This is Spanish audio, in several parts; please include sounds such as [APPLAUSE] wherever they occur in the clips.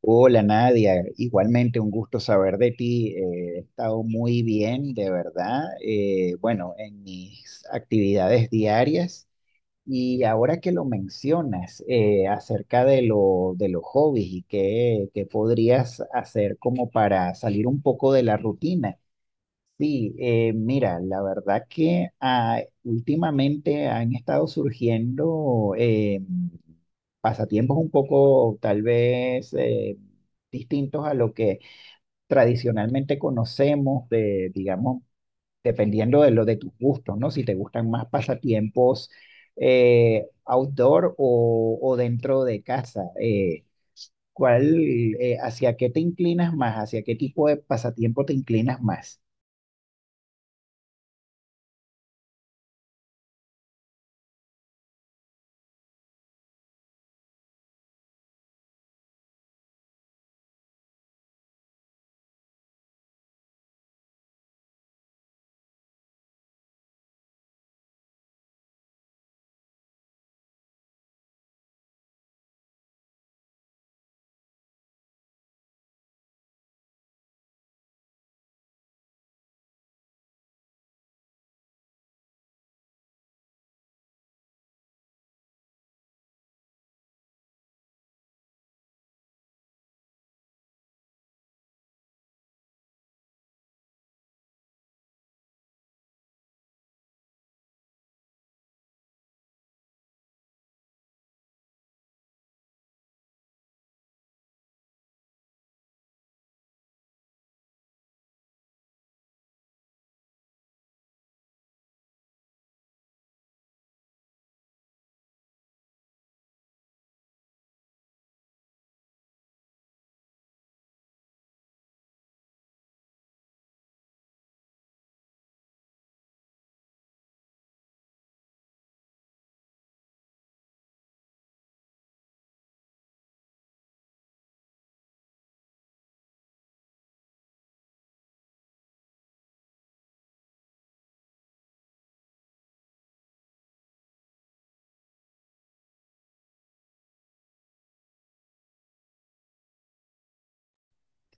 Hola Nadia, igualmente un gusto saber de ti. He estado muy bien, de verdad. Bueno, en mis actividades diarias y ahora que lo mencionas acerca de los hobbies y qué podrías hacer como para salir un poco de la rutina. Sí, mira, la verdad que últimamente han estado surgiendo pasatiempos un poco tal vez distintos a lo que tradicionalmente conocemos de, digamos, dependiendo de tus gustos, ¿no? Si te gustan más pasatiempos outdoor o dentro de casa. ¿Cuál, Hacia qué te inclinas más? ¿Hacia qué tipo de pasatiempo te inclinas más?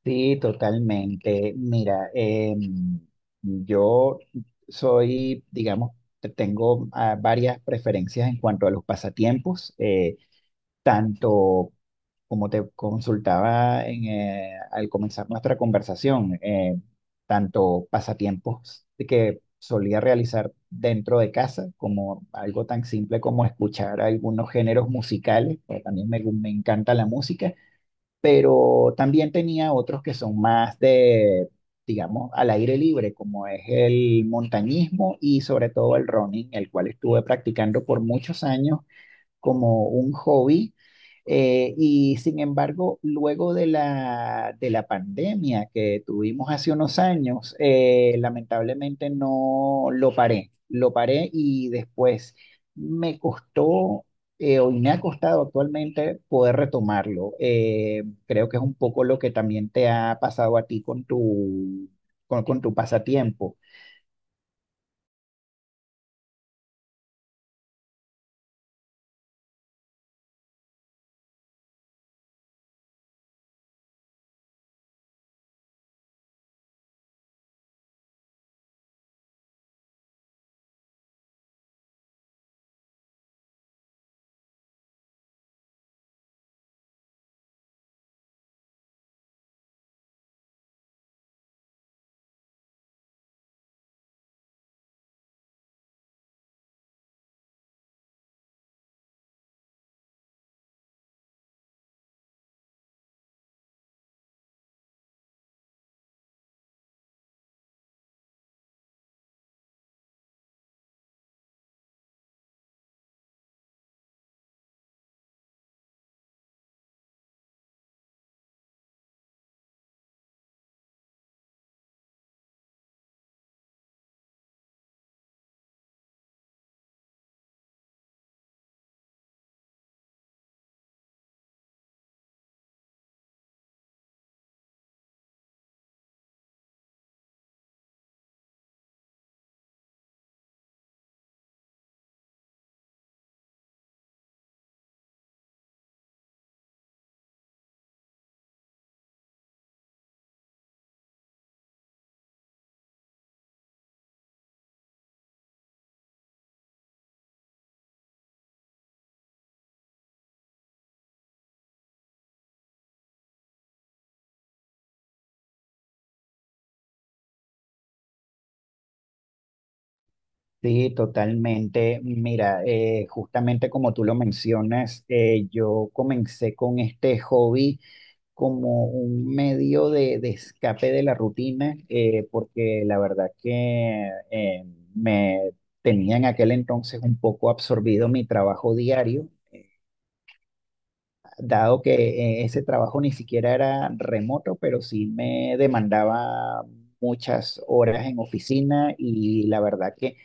Sí, totalmente. Mira, yo soy, digamos, tengo varias preferencias en cuanto a los pasatiempos, tanto como te consultaba en al comenzar nuestra conversación, tanto pasatiempos que solía realizar dentro de casa, como algo tan simple como escuchar algunos géneros musicales, porque también me encanta la música, pero también tenía otros que son más de, digamos, al aire libre, como es el montañismo y sobre todo el running, el cual estuve practicando por muchos años como un hobby. Y sin embargo, luego de la pandemia que tuvimos hace unos años, lamentablemente no lo paré, lo paré y después me costó, o me ha costado actualmente poder retomarlo. Creo que es un poco lo que también te ha pasado a ti con con tu pasatiempo. Sí, totalmente. Mira, justamente como tú lo mencionas, yo comencé con este hobby como un medio de escape de la rutina, porque la verdad que me tenía en aquel entonces un poco absorbido mi trabajo diario, dado que ese trabajo ni siquiera era remoto, pero sí me demandaba muchas horas en oficina, y la verdad que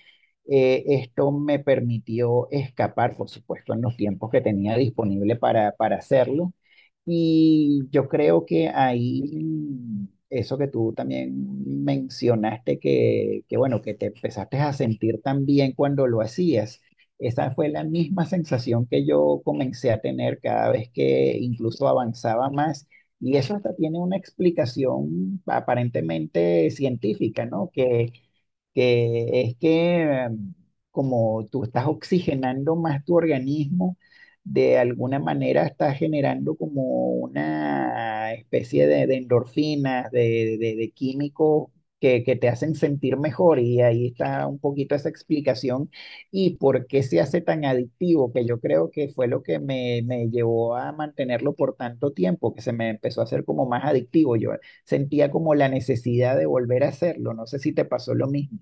esto me permitió escapar, por supuesto, en los tiempos que tenía disponible para hacerlo. Y yo creo que ahí, eso que tú también mencionaste, que bueno, que te empezaste a sentir tan bien cuando lo hacías. Esa fue la misma sensación que yo comencé a tener cada vez que incluso avanzaba más. Y eso hasta tiene una explicación aparentemente científica, ¿no? Que es que como tú estás oxigenando más tu organismo, de alguna manera estás generando como una especie de endorfinas, de químicos que te hacen sentir mejor, y ahí está un poquito esa explicación y por qué se hace tan adictivo, que yo creo que fue lo que me llevó a mantenerlo por tanto tiempo, que se me empezó a hacer como más adictivo. Yo sentía como la necesidad de volver a hacerlo, no sé si te pasó lo mismo.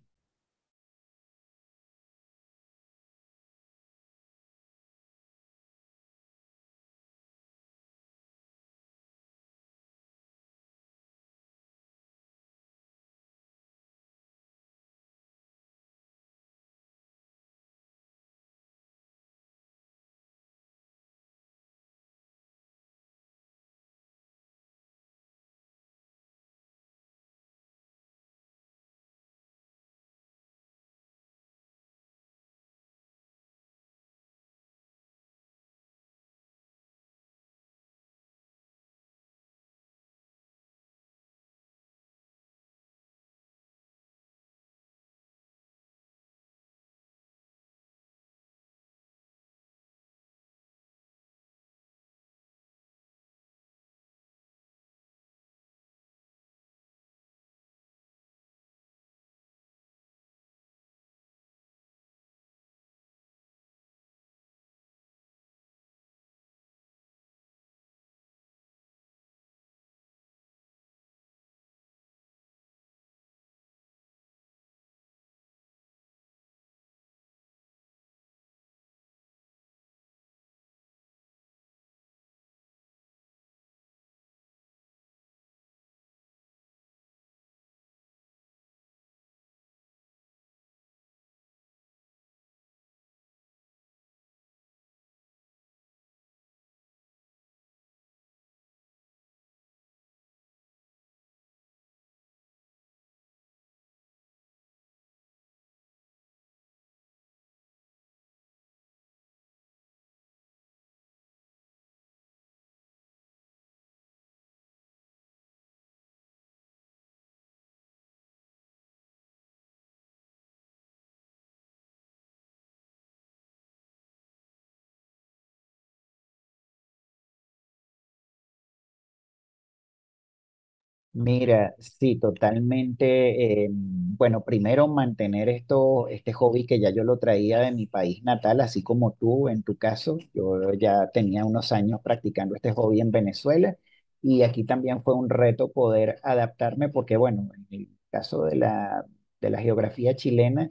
Mira, sí, totalmente. Bueno, primero mantener esto, este hobby que ya yo lo traía de mi país natal, así como tú en tu caso. Yo ya tenía unos años practicando este hobby en Venezuela, y aquí también fue un reto poder adaptarme porque, bueno, en el caso de la geografía chilena,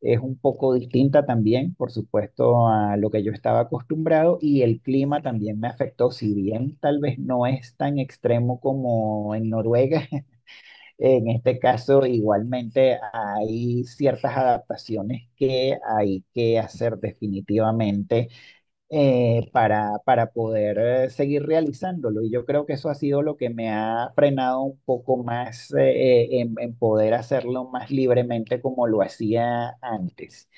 es un poco distinta también, por supuesto, a lo que yo estaba acostumbrado, y el clima también me afectó, si bien tal vez no es tan extremo como en Noruega, [LAUGHS] en este caso igualmente hay ciertas adaptaciones que hay que hacer definitivamente, para poder seguir realizándolo. Y yo creo que eso ha sido lo que me ha frenado un poco más en poder hacerlo más libremente como lo hacía antes.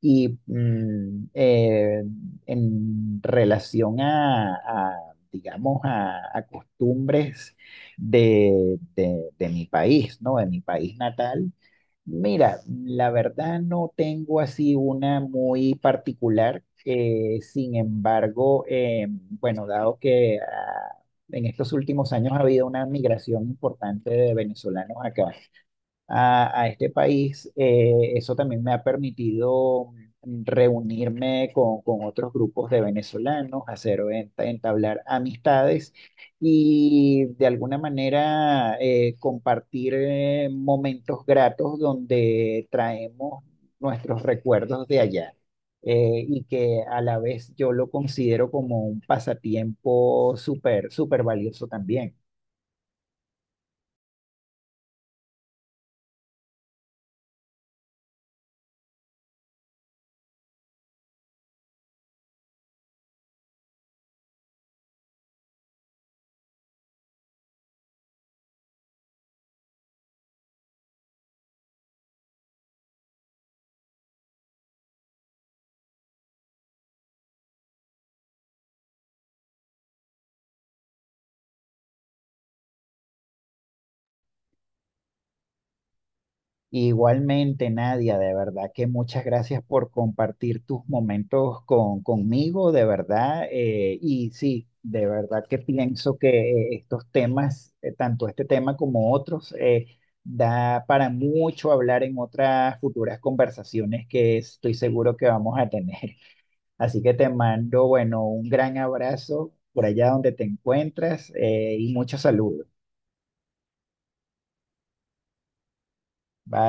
Y en relación a digamos, a costumbres de mi país, ¿no? De mi país natal, mira, la verdad no tengo así una muy particular. Sin embargo, bueno, dado que en estos últimos años ha habido una migración importante de venezolanos acá a este país, eso también me ha permitido reunirme con otros grupos de venezolanos, hacer, entablar amistades, y de alguna manera compartir momentos gratos donde traemos nuestros recuerdos de allá. Y que a la vez yo lo considero como un pasatiempo súper, súper valioso también. Igualmente, Nadia, de verdad que muchas gracias por compartir tus momentos conmigo, de verdad. Y sí, de verdad que pienso que estos temas, tanto este tema como otros, da para mucho hablar en otras futuras conversaciones que estoy seguro que vamos a tener. [LAUGHS] Así que te mando, bueno, un gran abrazo por allá donde te encuentras, y muchos saludos. Bye.